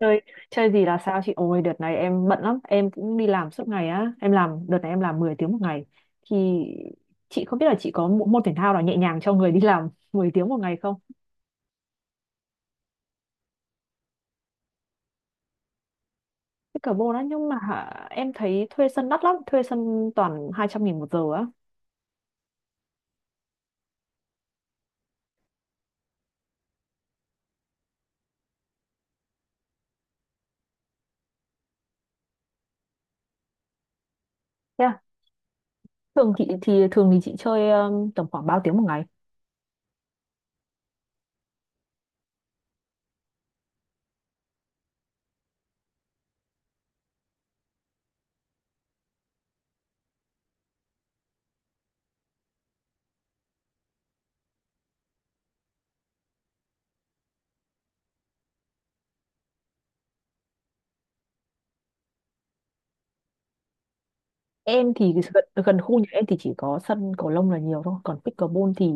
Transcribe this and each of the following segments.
Chơi chơi gì là sao chị? Ôi đợt này em bận lắm, em cũng đi làm suốt ngày á, em làm đợt này em làm 10 tiếng một ngày. Thì chị không biết là chị có một môn thể thao nào nhẹ nhàng cho người đi làm 10 tiếng một ngày không? Cái cờ bô đó, nhưng mà em thấy thuê sân đắt lắm, thuê sân toàn 200.000 một giờ á. Yeah. Thường chị thì thường thì chị chơi tầm khoảng bao tiếng một ngày? Em thì gần khu nhà em thì chỉ có sân cầu lông là nhiều thôi, còn pickleball thì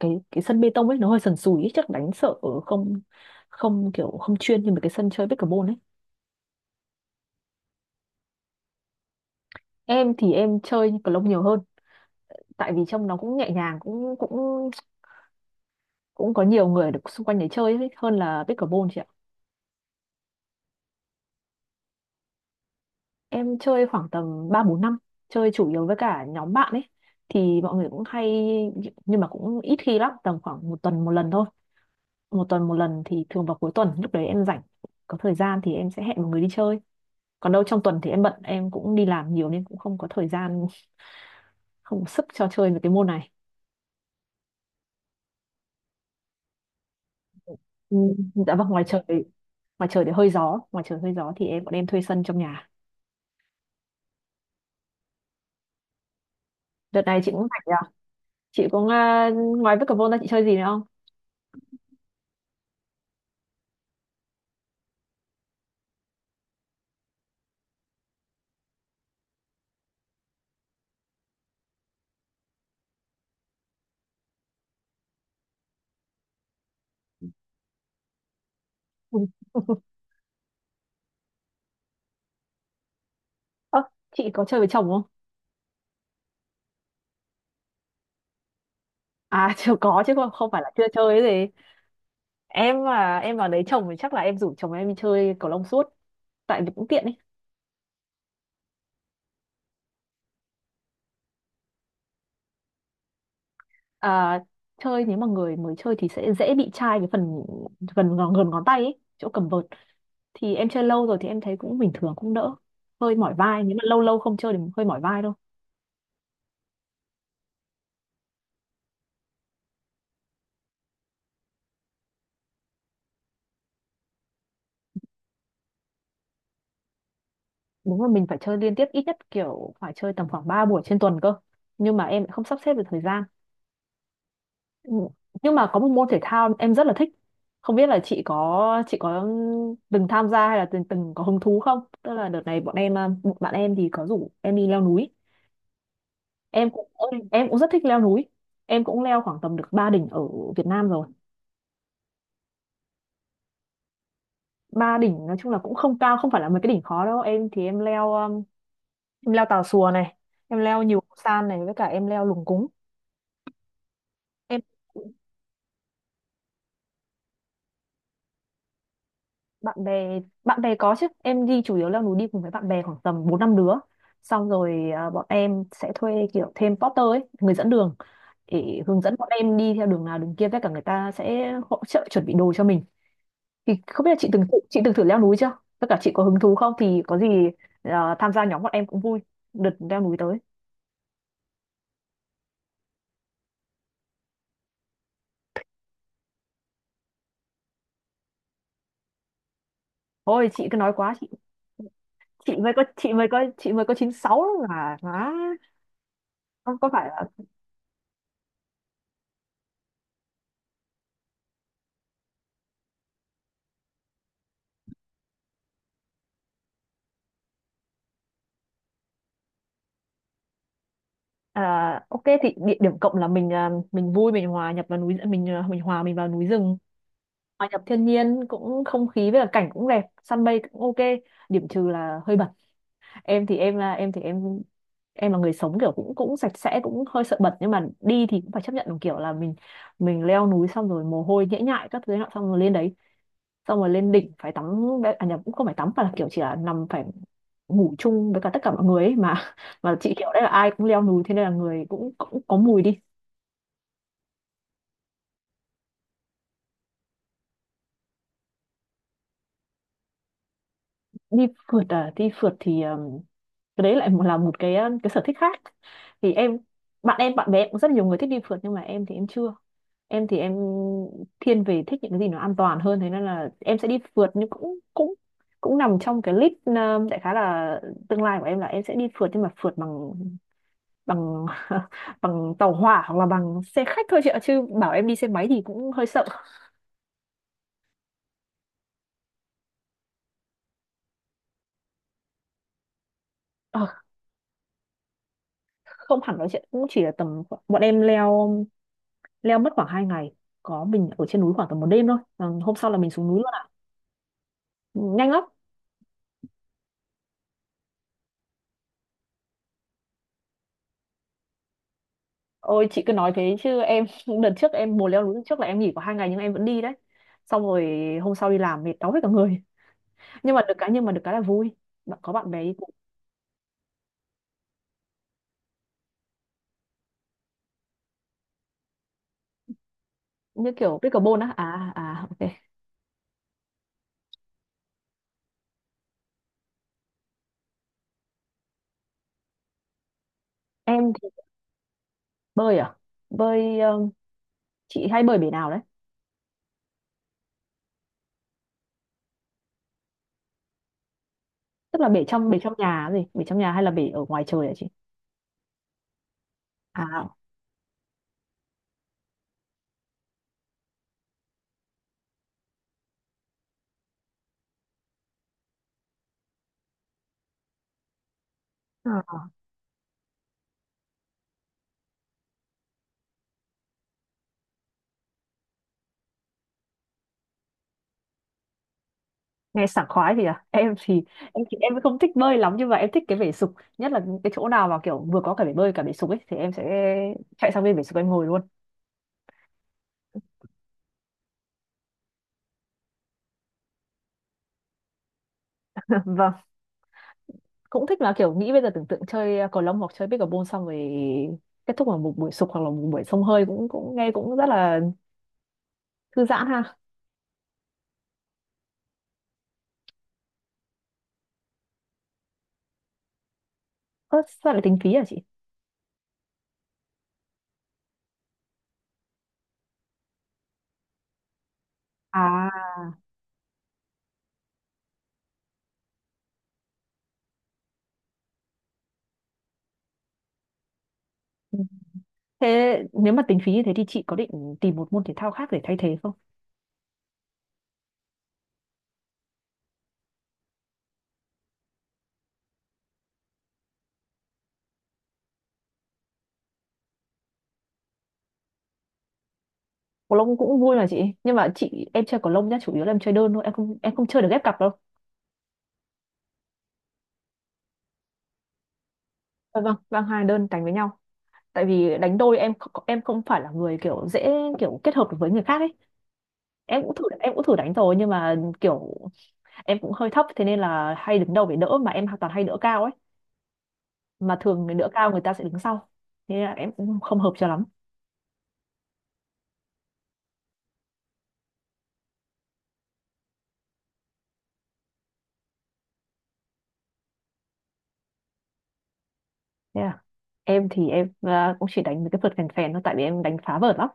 cái sân bê tông ấy nó hơi sần sùi ấy, chắc đánh sợ ở không, không kiểu không chuyên như mấy cái sân chơi pickleball ấy. Em thì em chơi cầu lông nhiều hơn, tại vì trong nó cũng nhẹ nhàng, cũng cũng cũng có nhiều người được xung quanh để chơi ấy, hơn là pickleball chị ạ. Em chơi khoảng tầm 3-4 năm, chơi chủ yếu với cả nhóm bạn ấy, thì mọi người cũng hay. Nhưng mà cũng ít khi lắm, tầm khoảng một tuần một lần thôi. Một tuần một lần thì thường vào cuối tuần, lúc đấy em rảnh, có thời gian thì em sẽ hẹn một người đi chơi. Còn đâu trong tuần thì em bận, em cũng đi làm nhiều nên cũng không có thời gian, không có sức cho chơi với cái môn này. Ừ, dạ vâng, ngoài trời. Ngoài trời thì hơi gió, ngoài trời hơi gió thì bọn em thuê sân trong nhà. Đợt này chị cũng rảnh nhờ. Chị cũng, à, ngoài pickleball ra chị chơi gì nữa không? Ơ, chị có chơi với chồng không? À, chưa có chứ không, không phải là chưa chơi cái gì. Em mà em vào đấy chồng thì chắc là em rủ chồng em đi chơi cầu lông suốt, tại vì cũng tiện ấy. À, chơi nếu mà người mới chơi thì sẽ dễ bị chai cái phần gần ngón tay ấy, chỗ cầm vợt. Thì em chơi lâu rồi thì em thấy cũng bình thường, cũng đỡ. Hơi mỏi vai, nếu mà lâu lâu không chơi thì hơi mỏi vai thôi. Đúng là mình phải chơi liên tiếp, ít nhất kiểu phải chơi tầm khoảng 3 buổi trên tuần cơ, nhưng mà em lại không sắp xếp được thời gian. Ừ, nhưng mà có một môn thể thao em rất là thích, không biết là chị có tham gia hay là từng từng có hứng thú không. Tức là đợt này bọn em, à, một bạn em thì có rủ em đi leo núi. Em cũng rất thích leo núi. Em cũng leo khoảng tầm được 3 đỉnh ở Việt Nam rồi. 3 đỉnh nói chung là cũng không cao, không phải là mấy cái đỉnh khó đâu. Em thì em leo Tà Xùa này, em leo nhiều san này, với cả em leo Lùng Cúng. Em, bạn bè có chứ, em đi chủ yếu leo núi đi cùng với bạn bè khoảng tầm 4-5 đứa. Xong rồi à, bọn em sẽ thuê kiểu thêm porter ấy, người dẫn đường, để hướng dẫn bọn em đi theo đường nào đường kia, với cả người ta sẽ hỗ trợ chuẩn bị đồ cho mình. Thì không biết là chị từng thử leo núi chưa, tất cả chị có hứng thú không, thì có gì à, tham gia nhóm bọn em cũng vui, đợt leo núi tới. Thôi chị cứ nói quá chị. Chị mới có chị mới có chị mới có 96 là má. Không có phải là, à, ok, thì địa điểm cộng là mình, à, mình vui, mình hòa nhập vào núi, mình, à, mình hòa mình vào núi rừng, hòa nhập thiên nhiên. Cũng không khí với cả cảnh cũng đẹp, săn mây cũng ok. Điểm trừ là hơi bẩn. Em thì em là em thì em em là người sống kiểu cũng cũng sạch sẽ, cũng hơi sợ bẩn, nhưng mà đi thì cũng phải chấp nhận một kiểu là mình leo núi xong rồi mồ hôi nhễ nhại các thứ nọ, xong rồi lên đấy, xong rồi lên đỉnh phải tắm. À, nhập cũng không phải tắm mà là kiểu chỉ là nằm phải ngủ chung với cả tất cả mọi người ấy mà, mà chị kiểu đấy là ai cũng leo núi thế nên là người cũng cũng có mùi đi. Đi phượt à? Đi phượt thì cái đấy lại là một cái, ờ, cái sở thích khác. Thì em, bạn bè cũng rất nhiều người thích đi phượt, nhưng mà em thì em chưa. Em thì em thiên về thích những cái gì nó an toàn, hơn thế nên là em sẽ đi phượt nhưng cũng cũng cũng nằm trong cái list, đại khái là tương lai của em là em sẽ đi phượt, nhưng mà phượt bằng bằng bằng tàu hỏa hoặc là bằng xe khách thôi chị ạ, chứ bảo em đi xe máy thì cũng hơi sợ. Ờ, không hẳn, nói chuyện cũng chỉ là bọn em leo, leo mất khoảng 2 ngày, có mình ở trên núi khoảng tầm một đêm thôi. Ờ, hôm sau là mình xuống núi luôn ạ, nhanh lắm. Ôi chị cứ nói thế chứ em, đợt trước em mùa leo núi trước là em nghỉ có 2 ngày nhưng em vẫn đi đấy. Xong rồi hôm sau đi làm mệt đau hết cả người. Nhưng mà được cái là vui. Bạn có bạn bè đi cùng. Như kiểu pickleball á. À, à, ok. Em thì bơi à? Bơi, chị hay bơi bể nào đấy? Tức là bể trong nhà gì? Bể trong nhà hay là bể ở ngoài trời hả chị? À, à, à. Nghe sảng khoái thì à. Em thì em không thích bơi lắm, nhưng mà em thích cái bể sục, nhất là cái chỗ nào mà kiểu vừa có cả bể bơi cả bể sục ấy thì em sẽ chạy sang bên bể sục em ngồi luôn. Vâng, cũng thích là kiểu nghĩ bây giờ tưởng tượng chơi, à, cầu lông hoặc chơi pickleball xong rồi kết thúc vào một buổi sục hoặc là một buổi xông hơi cũng cũng nghe cũng rất là thư giãn ha. Ơ sao lại tính phí hả chị? À, ừ. Thế nếu mà tính phí như thế thì chị có định tìm một môn thể thao khác để thay thế không? Cầu lông cũng vui mà chị, nhưng mà chị em chơi cầu lông nhá, chủ yếu là em chơi đơn thôi, em không chơi được ghép cặp đâu. Dạ vâng, vâng, hai đơn đánh với nhau. Tại vì đánh đôi em em không phải là người kiểu dễ, kiểu kết hợp được với người khác ấy. Em cũng thử đánh rồi, nhưng mà kiểu em cũng hơi thấp thế nên là hay đứng đầu để đỡ, mà em toàn hay đỡ cao ấy, mà thường người đỡ cao người ta sẽ đứng sau, thế là em cũng không hợp cho lắm. Thế là em thì em, à, cũng chỉ đánh mấy cái vợt phèn phèn thôi, tại vì em đánh phá vợt lắm.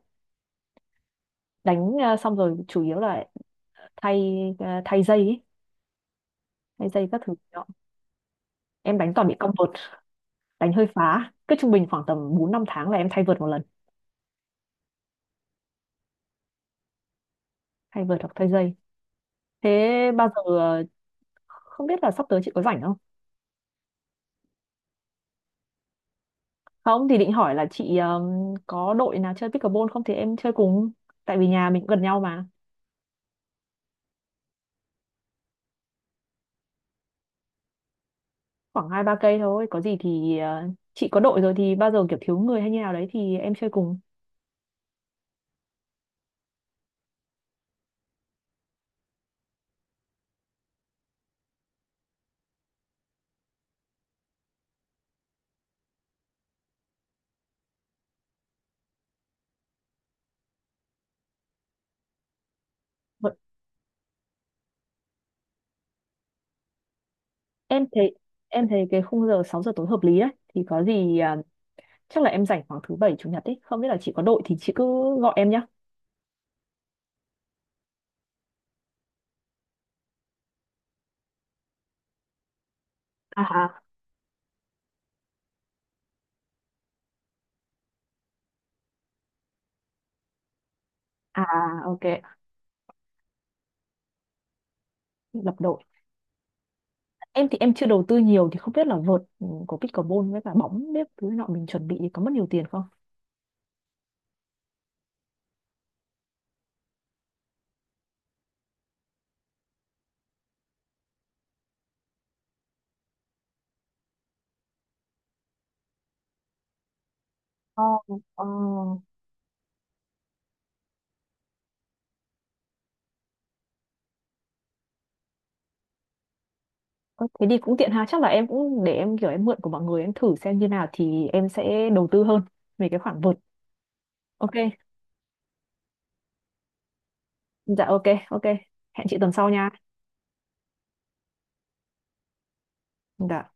Đánh, à, xong rồi chủ yếu là thay, à, thay dây ấy, thay dây các thứ đó. Em đánh toàn bị cong vợt, đánh hơi phá, cứ trung bình khoảng tầm 4-5 tháng là em thay vợt một lần, thay vợt hoặc thay dây. Thế bao giờ à, không biết là sắp tới chị có rảnh không, không thì định hỏi là chị có đội nào chơi pickleball không thì em chơi cùng, tại vì nhà mình cũng gần nhau mà. Khoảng 2-3 cây thôi, có gì thì ờ, chị có đội rồi thì bao giờ kiểu thiếu người hay như nào đấy thì em chơi cùng. Vậy em thấy, cái khung giờ 6 giờ tối hợp lý đấy. Thì có gì ờ, chắc là em rảnh khoảng thứ bảy chủ nhật ấy, không biết là chị có đội thì chị cứ gọi em nhá. À, ok. Lập đội. Em thì em chưa đầu tư nhiều thì không biết là vợt ừ, của pickleball với cả bóng bếp thứ nọ mình chuẩn bị thì có mất nhiều tiền không? Ờ, ờ. Ơ, thế thì cũng tiện ha, chắc là em cũng để em kiểu em mượn của mọi người em thử xem như nào thì em sẽ đầu tư hơn về cái khoản vượt. Ok, dạ ok, ok. Hẹn chị tuần sau nha. Dạ.